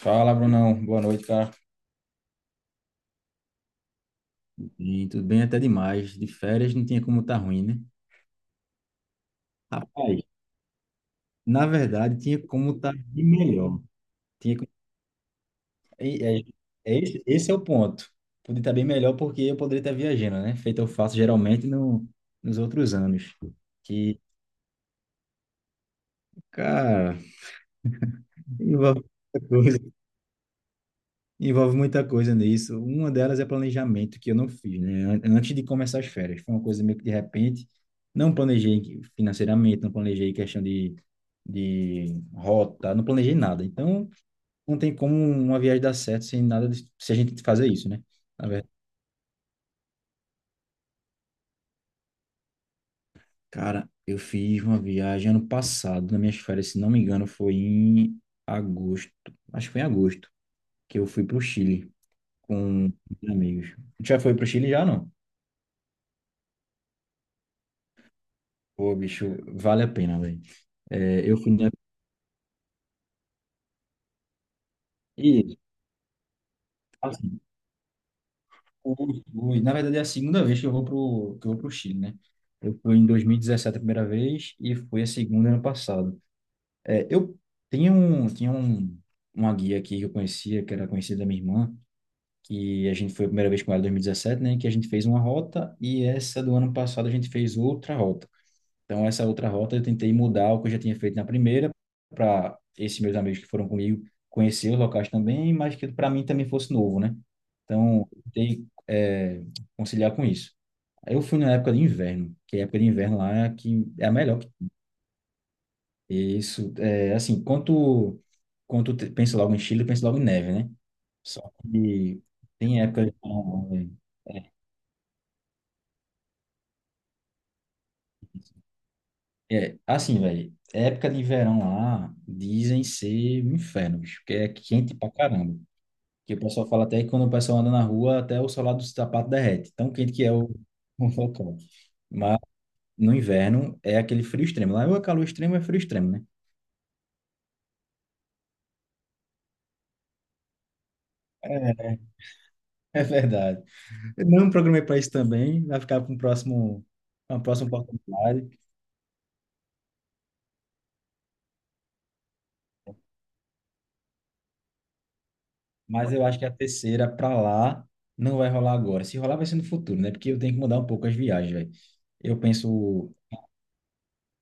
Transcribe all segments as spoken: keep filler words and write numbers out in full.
Fala, Brunão. Boa noite, cara. Sim, tudo bem até demais. De férias não tinha como estar tá ruim, né? Rapaz, na verdade, tinha como estar de melhor. Tinha... que- É, é- é esse, esse é o ponto. Podia estar bem melhor porque eu poderia estar viajando, né? Feito eu faço geralmente no, nos outros anos. Que Cara, envolve muita coisa nisso. Uma delas é planejamento, que eu não fiz, né? An- Antes de começar as férias. Foi uma coisa meio que de repente. Não planejei financeiramente, não planejei questão de, de rota, não planejei nada. Então, não tem como uma viagem dar certo sem nada, de- se a gente fazer isso, né? Na verdade, cara, eu fiz uma viagem ano passado, nas minhas férias, se não me engano, foi em agosto. Acho que foi em agosto, que eu fui para o Chile com amigos. Já foi para o Chile já, não? Pô, bicho, vale a pena, velho. É, eu fui na. E, assim, o- o- na verdade é a segunda vez que eu vou pro, que eu vou pro Chile, né? Eu fui em dois mil e dezessete a primeira vez e fui a segunda ano passado. É, eu tinha um, tinha um, uma guia aqui que eu conhecia, que era conhecida da minha irmã, que a gente foi a primeira vez com ela em dois mil e dezessete, né? Que a gente fez uma rota e essa do ano passado a gente fez outra rota. Então, essa outra rota eu tentei mudar o que eu já tinha feito na primeira, para esses meus amigos que foram comigo conhecer os locais também, mas que para mim também fosse novo, né? Então, eu tentei é, conciliar com isso. Aí, eu fui na época de inverno, que a época de inverno lá é a que é a melhor. E isso, é, assim, quando tu, quando tu te- pensa logo em Chile, pensa logo em neve, né? Só que tem época de verão, né? É, assim, velho, época de verão lá dizem ser um inferno, bicho, porque é quente pra caramba. Que o pessoal fala até que quando o pessoal anda na rua, até o solado do sapato derrete. Tão quente que é o, o local. Mas no inverno é aquele frio extremo. Lá ou é calor extremo, ou é frio extremo, né? É verdade. Eu não programei para isso também, vai ficar para um próximo, uma próxima oportunidade. Mas eu acho que a terceira para lá não vai rolar agora. Se rolar, vai ser no futuro, né? Porque eu tenho que mudar um pouco as viagens, velho. Eu penso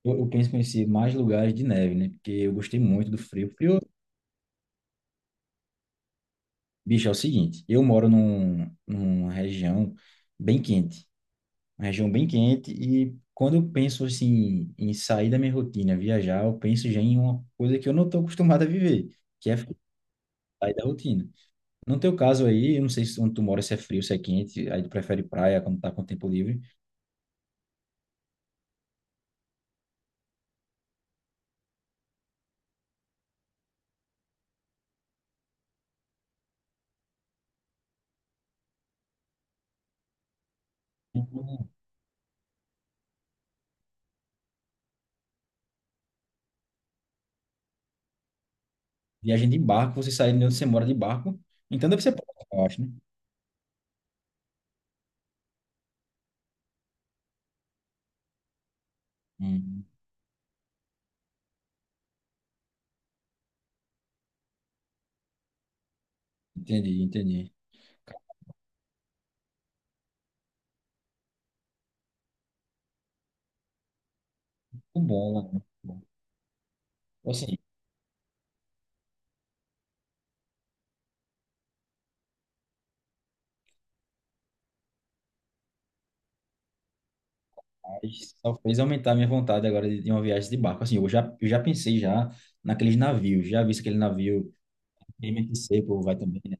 Eu, eu penso em conhecer mais lugares de neve, né? Porque eu gostei muito do frio. Frio, bicho, é o seguinte, eu moro num, numa região bem quente, uma região bem quente, e quando eu penso assim em sair da minha rotina, viajar, eu penso já em uma coisa que eu não estou acostumado a viver, que é sair da rotina. No teu caso aí, eu não sei se onde tu mora, se é frio, se é quente, aí tu prefere praia quando tá com tempo livre. Uhum. Viagem de barco, você sair de onde você mora de barco, então deve ser próximo, eu acho, né? Hum, entendi, entendi. Muito bom, mano. Muito bom. Assim, mas só fez aumentar a minha vontade agora de, de uma viagem de barco. Assim, eu já, eu já pensei já naqueles navios, já vi aquele navio M T C, pô, vai também, né?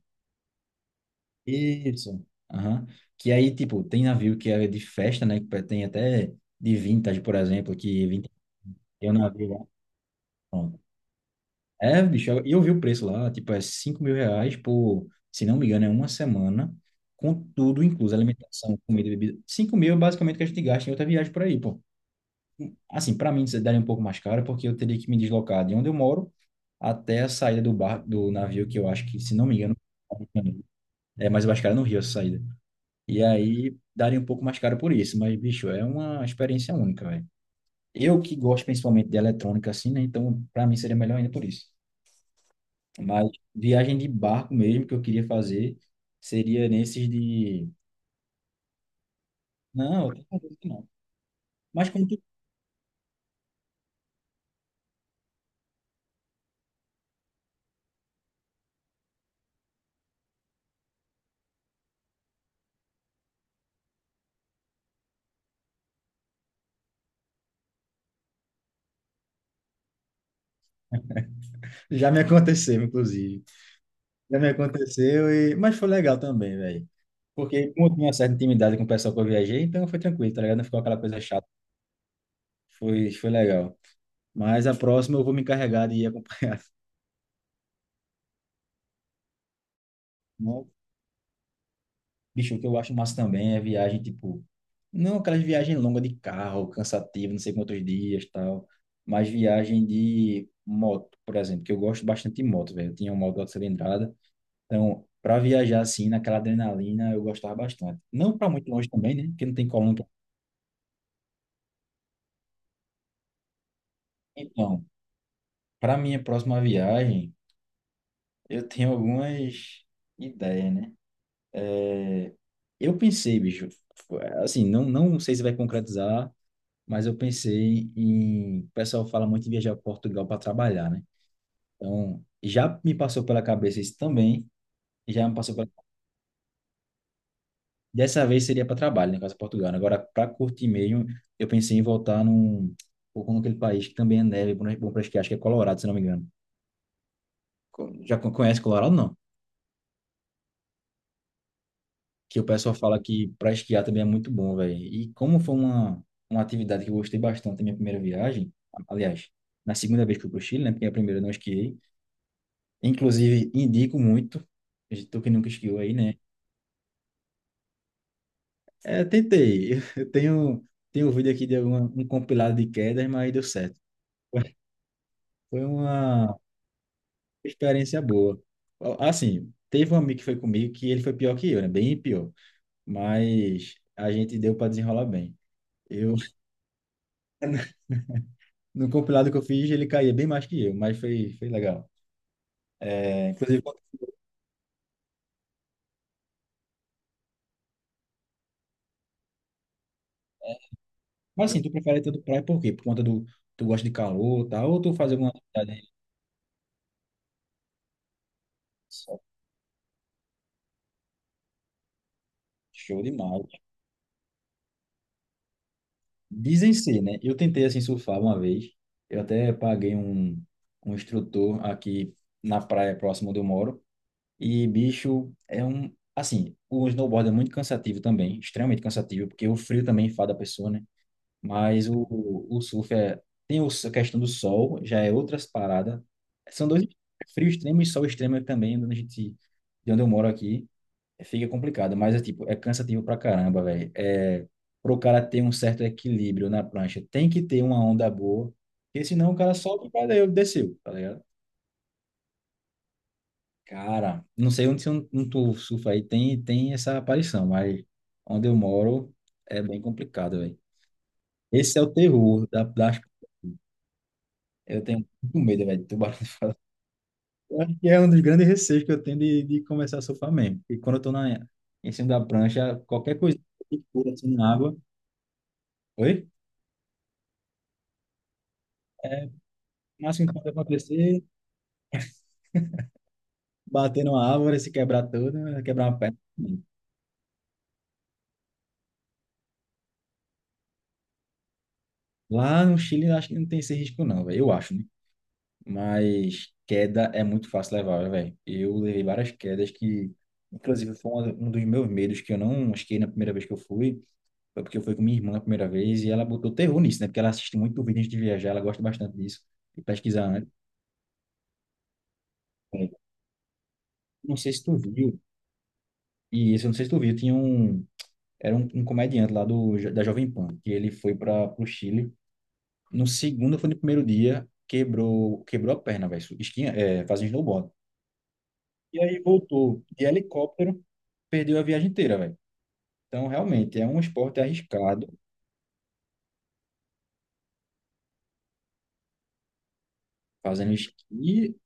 Isso. Aham. Que aí, tipo, tem navio que é de festa, né? Que tem até de vintage, por exemplo, que vintage é um navio lá. Pronto. É, bicho, e eu, vi o preço lá, tipo, é cinco mil reais por, se não me engano, é uma semana, com tudo incluso, alimentação, comida e bebida. Cinco mil é basicamente o que a gente gasta em outra viagem por aí, pô. Assim, para mim isso daria um pouco mais caro, porque eu teria que me deslocar de onde eu moro até a saída do bar, do navio, que eu acho que, se não me engano, é mais mais cara no Rio essa saída. E aí daria um pouco mais caro por isso, mas, bicho, é uma experiência única, velho. Eu que gosto principalmente de eletrônica, assim, né? Então, para mim seria melhor ainda por isso. Mas viagem de barco mesmo que eu queria fazer seria nesses de. Não, eu tô falando que não. Mas como tu. Já me aconteceu, inclusive. Já me aconteceu e. Mas foi legal também, velho. Porque como eu tinha uma certa intimidade com o pessoal que eu viajei, então foi tranquilo, tá ligado? Não ficou aquela coisa chata. Foi, foi legal. Mas a próxima eu vou me encarregar de ir acompanhar. Não, bicho, o que eu acho massa também é viagem, tipo. Não aquelas viagens longas de carro, cansativa, não sei quantos dias tal. Mas viagem de moto, por exemplo, que eu gosto bastante de moto, velho. Eu tinha uma moto de alta cilindrada. Então, para viajar assim, naquela adrenalina, eu gostava bastante. Não para muito longe também, né? Porque não tem coluna. pra- Então, para minha próxima viagem. Eu tenho algumas ideias, né? É, eu pensei, bicho, assim, não, não sei se vai concretizar, mas eu pensei em. O pessoal fala muito em viajar para Portugal para trabalhar, né? Então, já me passou pela cabeça isso também, já me passou pela. Dessa vez seria para trabalho, né? Caso Portugal, né? Agora, para curtir mesmo, eu pensei em voltar num. Ou naquele país que também é neve, bom para esquiar, acho que é Colorado, se não me engano. Co- Já co- conhece Colorado, não? Que o pessoal fala que para esquiar também é muito bom, velho. E como foi uma, uma atividade que eu gostei bastante na minha primeira viagem, aliás, na segunda vez que eu fui pro Chile, né? Porque a primeira eu não esquiei. Inclusive, indico muito. Tu que nunca esquiou aí, né? É, tentei. Eu tenho, tenho um vídeo aqui de alguma, um compilado de quedas, mas deu certo. Foi uma experiência boa. Assim, teve um amigo que foi comigo que ele foi pior que eu, né? Bem pior. Mas a gente deu para desenrolar bem. Eu no compilado que eu fiz, ele caía bem mais que eu, mas foi, foi legal. É, inclusive, mas assim, tu prefere ter do praia por quê? Por conta do, tu gosta de calor, tá? Ou tu faz alguma atividade só show demais. Dizem ser, né? Eu tentei, assim, surfar uma vez. Eu até paguei um, um instrutor aqui na praia próxima onde eu moro. E, bicho, é um. Assim, o snowboard é muito cansativo também, extremamente cansativo, porque o frio também enfada a pessoa, né? Mas o, o surf é, tem o- a questão do sol, já é outras paradas. São dois frio extremo e sol extremo é também, onde a gente, de onde eu moro aqui, é, fica complicado, mas é tipo, é cansativo pra caramba, velho. É, pro cara ter um certo equilíbrio na prancha, tem que ter uma onda boa, porque senão o cara solta e valeu, desceu, tá ligado? Cara, não sei onde, onde tu surfa aí, tem, tem essa aparição, mas onde eu moro é bem complicado, velho. Esse é o terror da, das. Eu tenho muito medo, velho, de tubarão. Eu acho que é um dos grandes receios que eu tenho de, de começar a surfar mesmo. Porque quando eu tô na, em cima da prancha, qualquer coisa que pula assim na água. Oi? É, o máximo que pode acontecer, bater numa árvore, se quebrar toda, quebrar uma perna. Lá no Chile, eu acho que não tem esse risco, não, velho. Eu acho, né? Mas queda é muito fácil levar, velho. Eu levei várias quedas que, inclusive, foi uma- um dos meus medos que eu não esquei na primeira vez que eu fui. Foi porque eu fui com minha irmã a primeira vez e ela botou terror nisso, né? Porque ela assiste muito vídeo antes de viajar, ela gosta bastante disso, de pesquisar antes. Não sei se tu viu, e esse eu não sei se tu viu, tinha um, era um, um comediante lá do, da Jovem Pan, que ele foi para o Chile. No segundo, foi no primeiro dia, quebrou, quebrou a perna, velho, esquinha, é, fazendo snowboard. E aí voltou de helicóptero, perdeu a viagem inteira, velho. Então, realmente, é um esporte arriscado, fazendo esqui.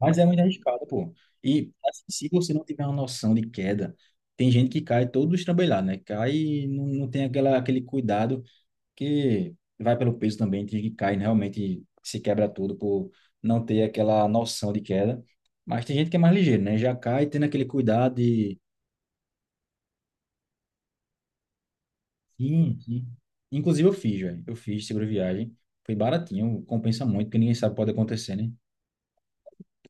Mas é muito arriscado, pô. E assim, se você não tiver uma noção de queda, tem gente que cai todo estrambelhado, né? Cai e não, não tem aquela, aquele cuidado que vai pelo peso também, tem gente que cai realmente se quebra tudo por não ter aquela noção de queda. Mas tem gente que é mais ligeiro, né? Já cai tendo aquele cuidado de. Sim, sim. Inclusive eu fiz, velho. Eu fiz seguro viagem. Foi baratinho, compensa muito, porque ninguém sabe o que pode acontecer, né?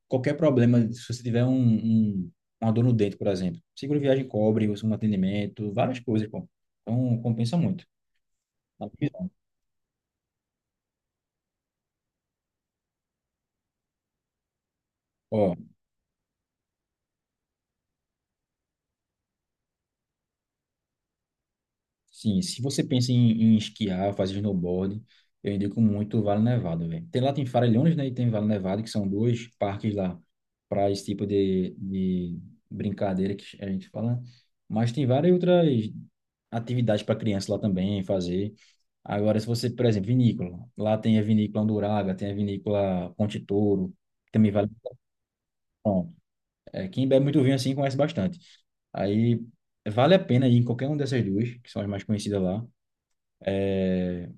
Qualquer problema, se você tiver um, um, uma dor no dente, por exemplo, seguro viagem cobre, um atendimento, várias coisas, pô. Então, compensa muito. Na minha visão. Ó, sim, se você pensa em, em esquiar, fazer snowboard, eu indico muito o Vale Nevado, velho. Tem lá tem Farellones, né, e tem Vale Nevado, que são dois parques lá para esse tipo de, de brincadeira que a gente fala, né? Mas tem várias outras atividades para criança lá também fazer. Agora, se você, por exemplo, vinícola, lá tem a vinícola Anduraga, tem a vinícola Ponte Touro, também vale. Bom, é, quem bebe muito vinho assim conhece bastante. Aí vale a pena ir em qualquer uma dessas duas, que são as mais conhecidas lá. É,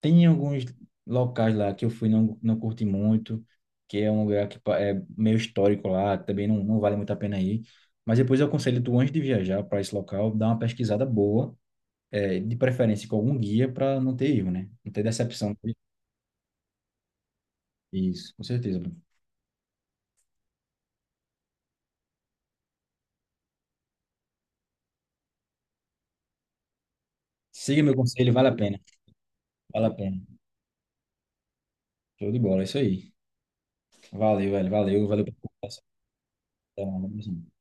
tem alguns locais lá que eu fui não não curti muito, que é um lugar que pa- é meio histórico lá, também não, não vale muito a pena ir. Mas depois eu aconselho tu antes de viajar para esse local, dar uma pesquisada boa, é, de preferência com algum guia para não ter erro, né? Não ter decepção. Isso, com certeza. Bruno. Siga meu conselho, vale a pena. Vale a pena. Show de bola, é isso aí. Valeu, velho. Valeu, valeu pela conversa. Até uma próxima.